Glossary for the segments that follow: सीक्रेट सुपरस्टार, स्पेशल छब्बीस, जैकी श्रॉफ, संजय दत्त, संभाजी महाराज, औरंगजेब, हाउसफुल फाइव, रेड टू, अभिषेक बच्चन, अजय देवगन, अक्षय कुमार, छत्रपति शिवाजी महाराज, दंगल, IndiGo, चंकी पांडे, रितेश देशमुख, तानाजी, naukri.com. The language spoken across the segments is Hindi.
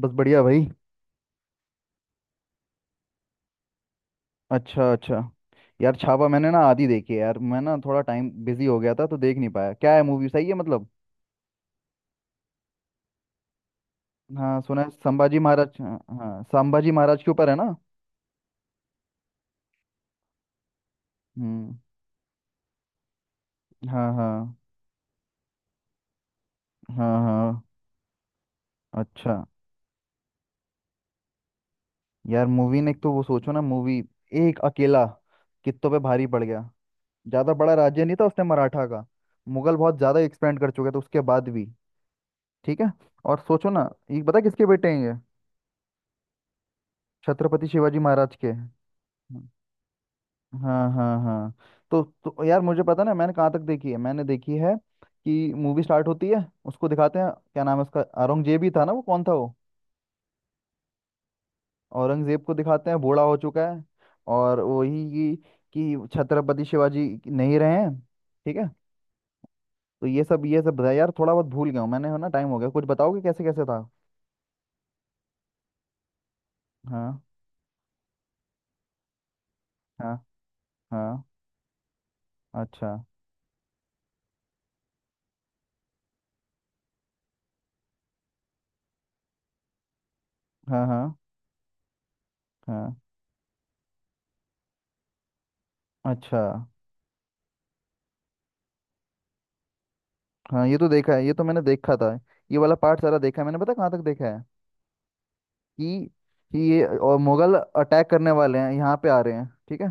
बस बढ़िया भाई। अच्छा अच्छा। यार छावा मैंने ना आधी देखी है यार, मैं ना थोड़ा टाइम बिजी हो गया था तो देख नहीं पाया। क्या है, मूवी सही है मतलब? हाँ सुना है, संभाजी महाराज। हाँ हाँ, संभाजी महाराज के ऊपर है ना? हम्म। हाँ हाँ हाँ हाँ। अच्छा। यार मूवी ने, एक तो वो सोचो ना मूवी, एक अकेला कित्तों पे भारी पड़ गया। ज्यादा बड़ा राज्य नहीं था उसने मराठा का। मुगल बहुत ज्यादा एक्सपेंड कर चुके थे उसके बाद भी। ठीक है। और सोचो ना, ये पता है किसके बेटे हैं ये? छत्रपति शिवाजी महाराज के। हाँ हाँ हाँ। तो यार मुझे पता ना, मैंने कहाँ तक देखी है। मैंने देखी है कि मूवी स्टार्ट होती है, उसको दिखाते हैं, क्या नाम है उसका, औरंगजेब ही था ना, वो कौन था वो? औरंगजेब को दिखाते हैं बूढ़ा हो चुका है। और वही कि छत्रपति शिवाजी नहीं रहे हैं। ठीक है। तो ये सब बताया यार। थोड़ा बहुत भूल गया हूँ मैंने, है ना, टाइम हो गया। कुछ बताओगे कैसे कैसे था? हाँ हाँ हाँ। अच्छा। हाँ हाँ हाँ। अच्छा। हाँ ये तो देखा है, ये तो मैंने देखा था। ये वाला पार्ट सारा देखा है मैंने। पता कहाँ तक देखा है? कि कि ये और मुगल अटैक करने वाले हैं, यहाँ पे आ रहे हैं ठीक है,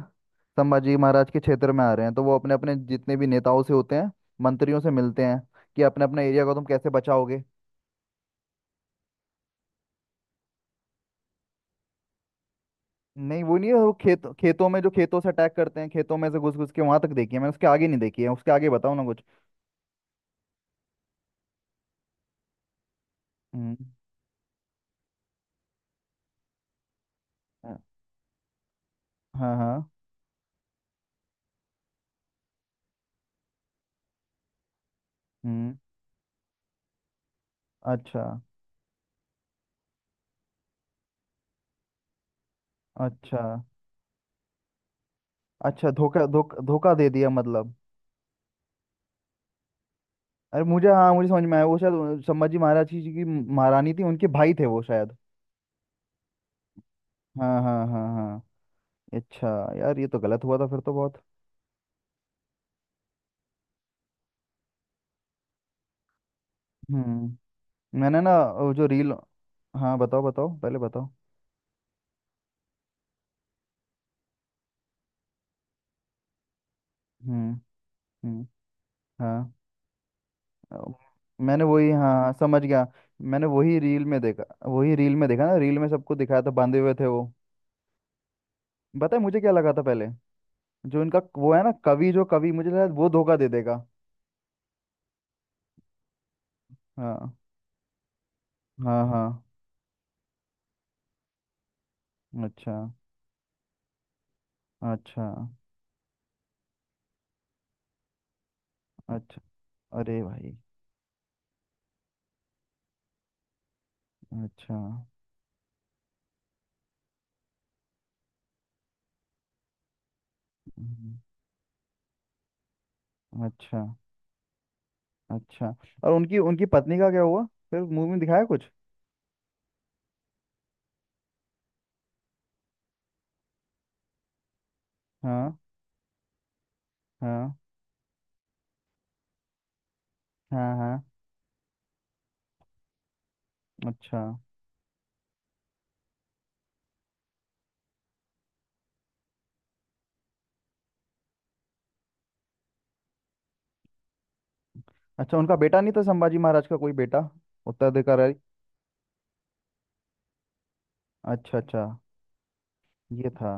संभाजी महाराज के क्षेत्र में आ रहे हैं। तो वो अपने अपने जितने भी नेताओं से होते हैं, मंत्रियों से मिलते हैं कि अपने अपने एरिया को तुम कैसे बचाओगे। नहीं वो नहीं है, वो खेत, खेतों में, जो खेतों से अटैक करते हैं, खेतों में से घुस घुस के, वहां तक देखी है मैंने। उसके आगे नहीं देखी है, उसके आगे बताओ ना कुछ। हम्म। हाँ हाँ हाँ, हम्म। अच्छा। अच्छा। अच्छा, धोखा धोखा धोखा दे दिया मतलब। अरे मुझे, हाँ मुझे समझ में आया, वो शायद संभाजी महाराज की जी की महारानी थी, उनके भाई थे वो शायद। हाँ हाँ हाँ हाँ। अच्छा। यार ये तो गलत हुआ था फिर तो बहुत। हम्म। मैंने ना, वो जो रील। हाँ बताओ बताओ, पहले बताओ। हम्म। हम्म। हाँ। अ, मैंने वही, हाँ समझ गया, मैंने वही रील में देखा। वही रील में देखा ना, रील में सबको दिखाया था, बांधे हुए थे वो। बताए मुझे क्या लगा था पहले? जो इनका वो है ना कवि, जो कवि मुझे लगा वो धोखा दे देगा। हाँ हाँ हाँ। अच्छा। अच्छा। अच्छा अरे भाई। अच्छा। हम्म, अच्छा। अच्छा। और उनकी उनकी पत्नी का क्या हुआ? फिर मूवी में दिखाया कुछ? हाँ हाँ हाँ हाँ। अच्छा। अच्छा उनका बेटा नहीं था? संभाजी महाराज का कोई बेटा, उत्तराधिकारी? अच्छा अच्छा। ये था।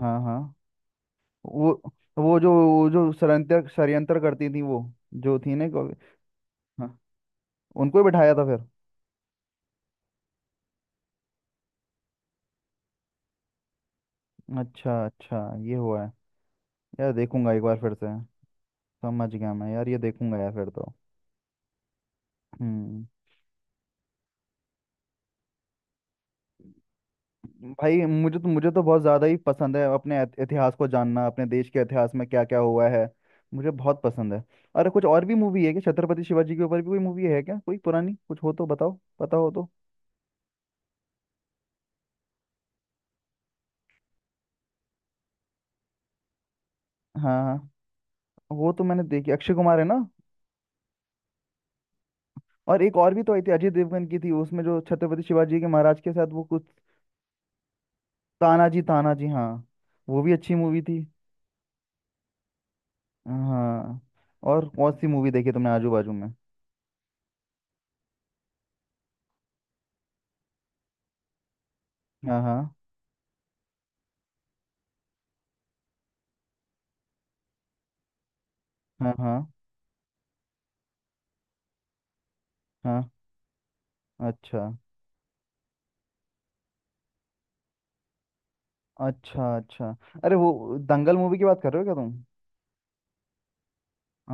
हाँ हाँ। वो वो जो षड्यंत्र षड्यंत्र करती थी वो, जो थी ना, हाँ। उनको ही बिठाया था फिर? अच्छा अच्छा। ये हुआ है। यार देखूंगा एक बार फिर से। समझ गया मैं यार, ये देखूंगा यार फिर तो। हम्म। भाई मुझे तो बहुत ज़्यादा ही पसंद है अपने इतिहास को जानना, अपने देश के इतिहास में क्या क्या हुआ है। मुझे बहुत पसंद है। अरे कुछ और भी मूवी है क्या? छत्रपति शिवाजी के ऊपर भी कोई मूवी है क्या? कोई पुरानी कुछ हो तो बताओ, पता हो तो। हाँ हाँ। वो तो मैंने देखी, अक्षय कुमार है ना। और एक और भी तो आई थी, अजय देवगन की थी, उसमें जो छत्रपति शिवाजी के महाराज के साथ वो कुछ। तानाजी तानाजी हाँ। वो भी अच्छी मूवी थी। हाँ। और कौन सी मूवी देखी तुमने आजू बाजू में? हाँ हाँ हाँ हाँ हाँ। अच्छा अच्छा। अच्छा, अरे वो दंगल मूवी की बात कर रहे हो क्या तुम?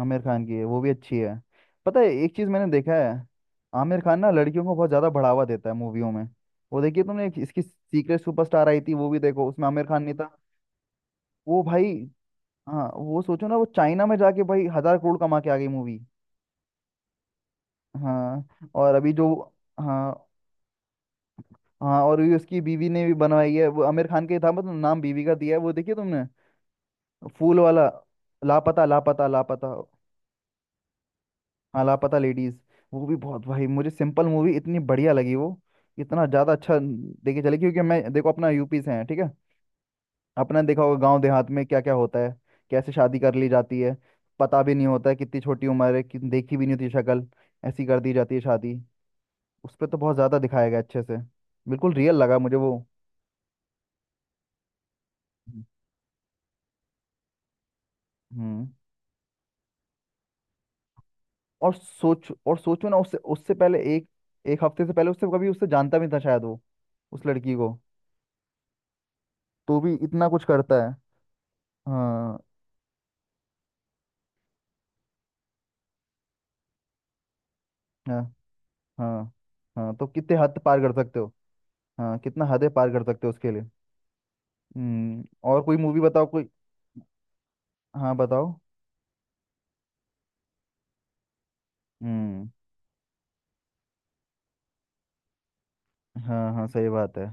आमिर खान की है, वो भी अच्छी है। पता है एक चीज मैंने देखा है, आमिर खान ना लड़कियों को बहुत ज्यादा बढ़ावा देता है मूवियों में। वो देखिए तुमने, इसकी सीक्रेट सुपरस्टार आई थी, वो भी देखो, उसमें आमिर खान नहीं था। वो भाई। हाँ, वो सोचो ना, वो चाइना में जाके भाई 1,000 करोड़ कमा के आ गई मूवी। हाँ और अभी जो, हाँ हाँ। और ये उसकी बीवी ने भी बनवाई है, वो आमिर खान का ही था मतलब, नाम बीवी का दिया है। वो देखिए तुमने, फूल वाला, लापता लापता लापता लापता लेडीज। वो भी, बहुत भाई, मुझे सिंपल मूवी इतनी बढ़िया लगी वो, इतना ज़्यादा अच्छा देखे चले, क्योंकि मैं देखो अपना यूपी से है ठीक है। अपना देखा होगा गांव देहात में क्या क्या होता है, कैसे शादी कर ली जाती है, पता भी नहीं होता है, कितनी छोटी उम्र है कि देखी भी नहीं होती शक्ल, ऐसी कर दी जाती है शादी। उस पर तो बहुत ज़्यादा दिखाया गया अच्छे से। बिल्कुल रियल लगा मुझे वो। हम्म। और सोचो ना, उससे उससे पहले एक, एक हफ्ते से पहले उससे कभी, उससे जानता भी नहीं था शायद वो उस लड़की को, तो भी इतना कुछ करता है। हाँ हाँ हाँ। हाँ तो कितने हद पार कर सकते हो। हाँ कितना हदें पार कर सकते हो उसके लिए। हम्म। और कोई मूवी बताओ कोई। हाँ बताओ। हम्म। हाँ हाँ सही बात है।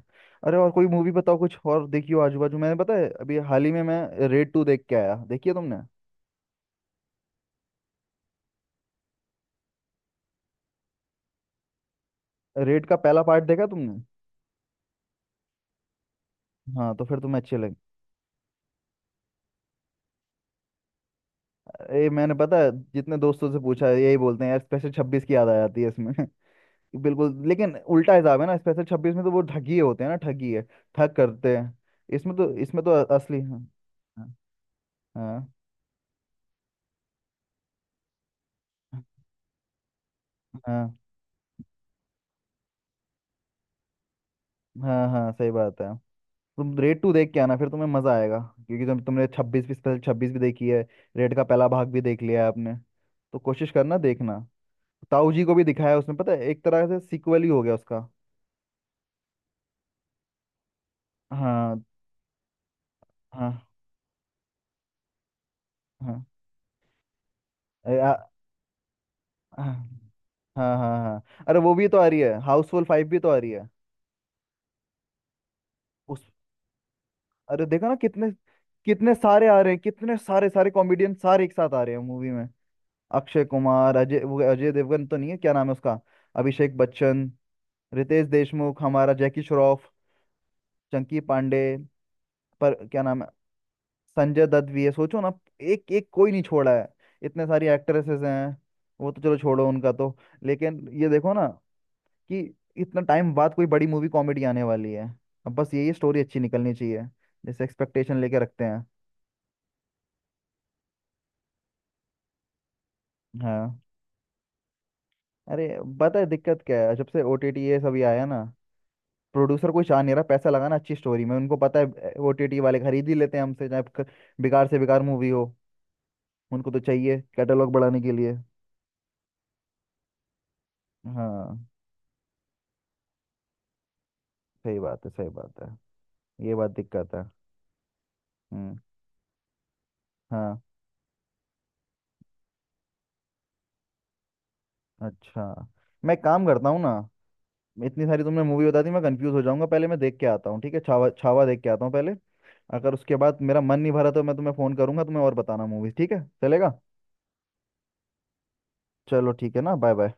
अरे और कोई मूवी बताओ, कुछ और देखी हो आजू बाजू? मैंने, पता है, अभी हाल ही में मैं रेड 2 देख के आया, देखी है तुमने? रेड का पहला पार्ट देखा तुमने? हाँ तो फिर तुम्हें अच्छे लगे। ये, मैंने पता है जितने दोस्तों से पूछा है, यही बोलते हैं यार, स्पेशल 26 की याद आ जाती है इसमें। बिल्कुल, लेकिन उल्टा हिसाब है ना, स्पेशल 26 में तो वो ठगी होते हैं ना, ठगी है, ठग करते हैं। इसमें तो, इसमें तो असली, हाँ। हाँ हाँ हाँ हाँ सही बात है। तुम रेड 2 देख के आना फिर, तुम्हें मजा आएगा, क्योंकि तुमने 26 भी, स्पेशल 26 भी देखी है, रेड का पहला भाग भी देख लिया है आपने। तो कोशिश करना देखना। ताऊ जी को भी दिखाया है उसमें, पता है, एक तरह से सीक्वल ही हो गया उसका। हाँ हाँ हाँ। अरे, आ- हाँ हाँ हाँ हाँ। अरे वो भी तो आ रही है, हाउसफुल 5 भी तो आ रही है। उस अरे देखा ना कितने, कितने सारे आ रहे हैं, कितने सारे सारे कॉमेडियन सारे एक साथ आ रहे हैं मूवी में। अक्षय कुमार, अजय, वो अजय देवगन तो नहीं है, क्या नाम है उसका, अभिषेक बच्चन, रितेश देशमुख, हमारा जैकी श्रॉफ, चंकी पांडे, पर क्या नाम है, संजय दत्त भी है, सोचो ना। एक एक कोई नहीं छोड़ा है। इतने सारी एक्ट्रेसेस हैं, वो तो चलो छोड़ो उनका तो, लेकिन ये देखो ना कि इतना टाइम बाद कोई बड़ी मूवी कॉमेडी आने वाली है। अब बस यही स्टोरी अच्छी निकलनी चाहिए, जैसे एक्सपेक्टेशन लेके रखते हैं। हाँ। अरे पता है दिक्कत क्या है, जब से ओटीटी ये सभी आया ना, प्रोड्यूसर कोई चाह नहीं रहा पैसा लगाना अच्छी स्टोरी में, उनको पता है ओटीटी वाले खरीद ही लेते हैं हमसे, चाहे बेकार से बेकार मूवी हो, उनको तो चाहिए कैटलॉग बढ़ाने के लिए। हाँ सही बात है, सही बात है, ये बात दिक्कत है। हम्म। हाँ। अच्छा। मैं काम करता हूँ ना, इतनी सारी तुमने मूवी बता दी, मैं कंफ्यूज हो जाऊंगा। पहले मैं देख के आता हूँ ठीक है, छावा, छावा देख के आता हूँ पहले। अगर उसके बाद मेरा मन नहीं भरा तो मैं तुम्हें फोन करूंगा, तुम्हें और बताना मूवीज, ठीक है, चलेगा? चलो ठीक है ना, बाय बाय।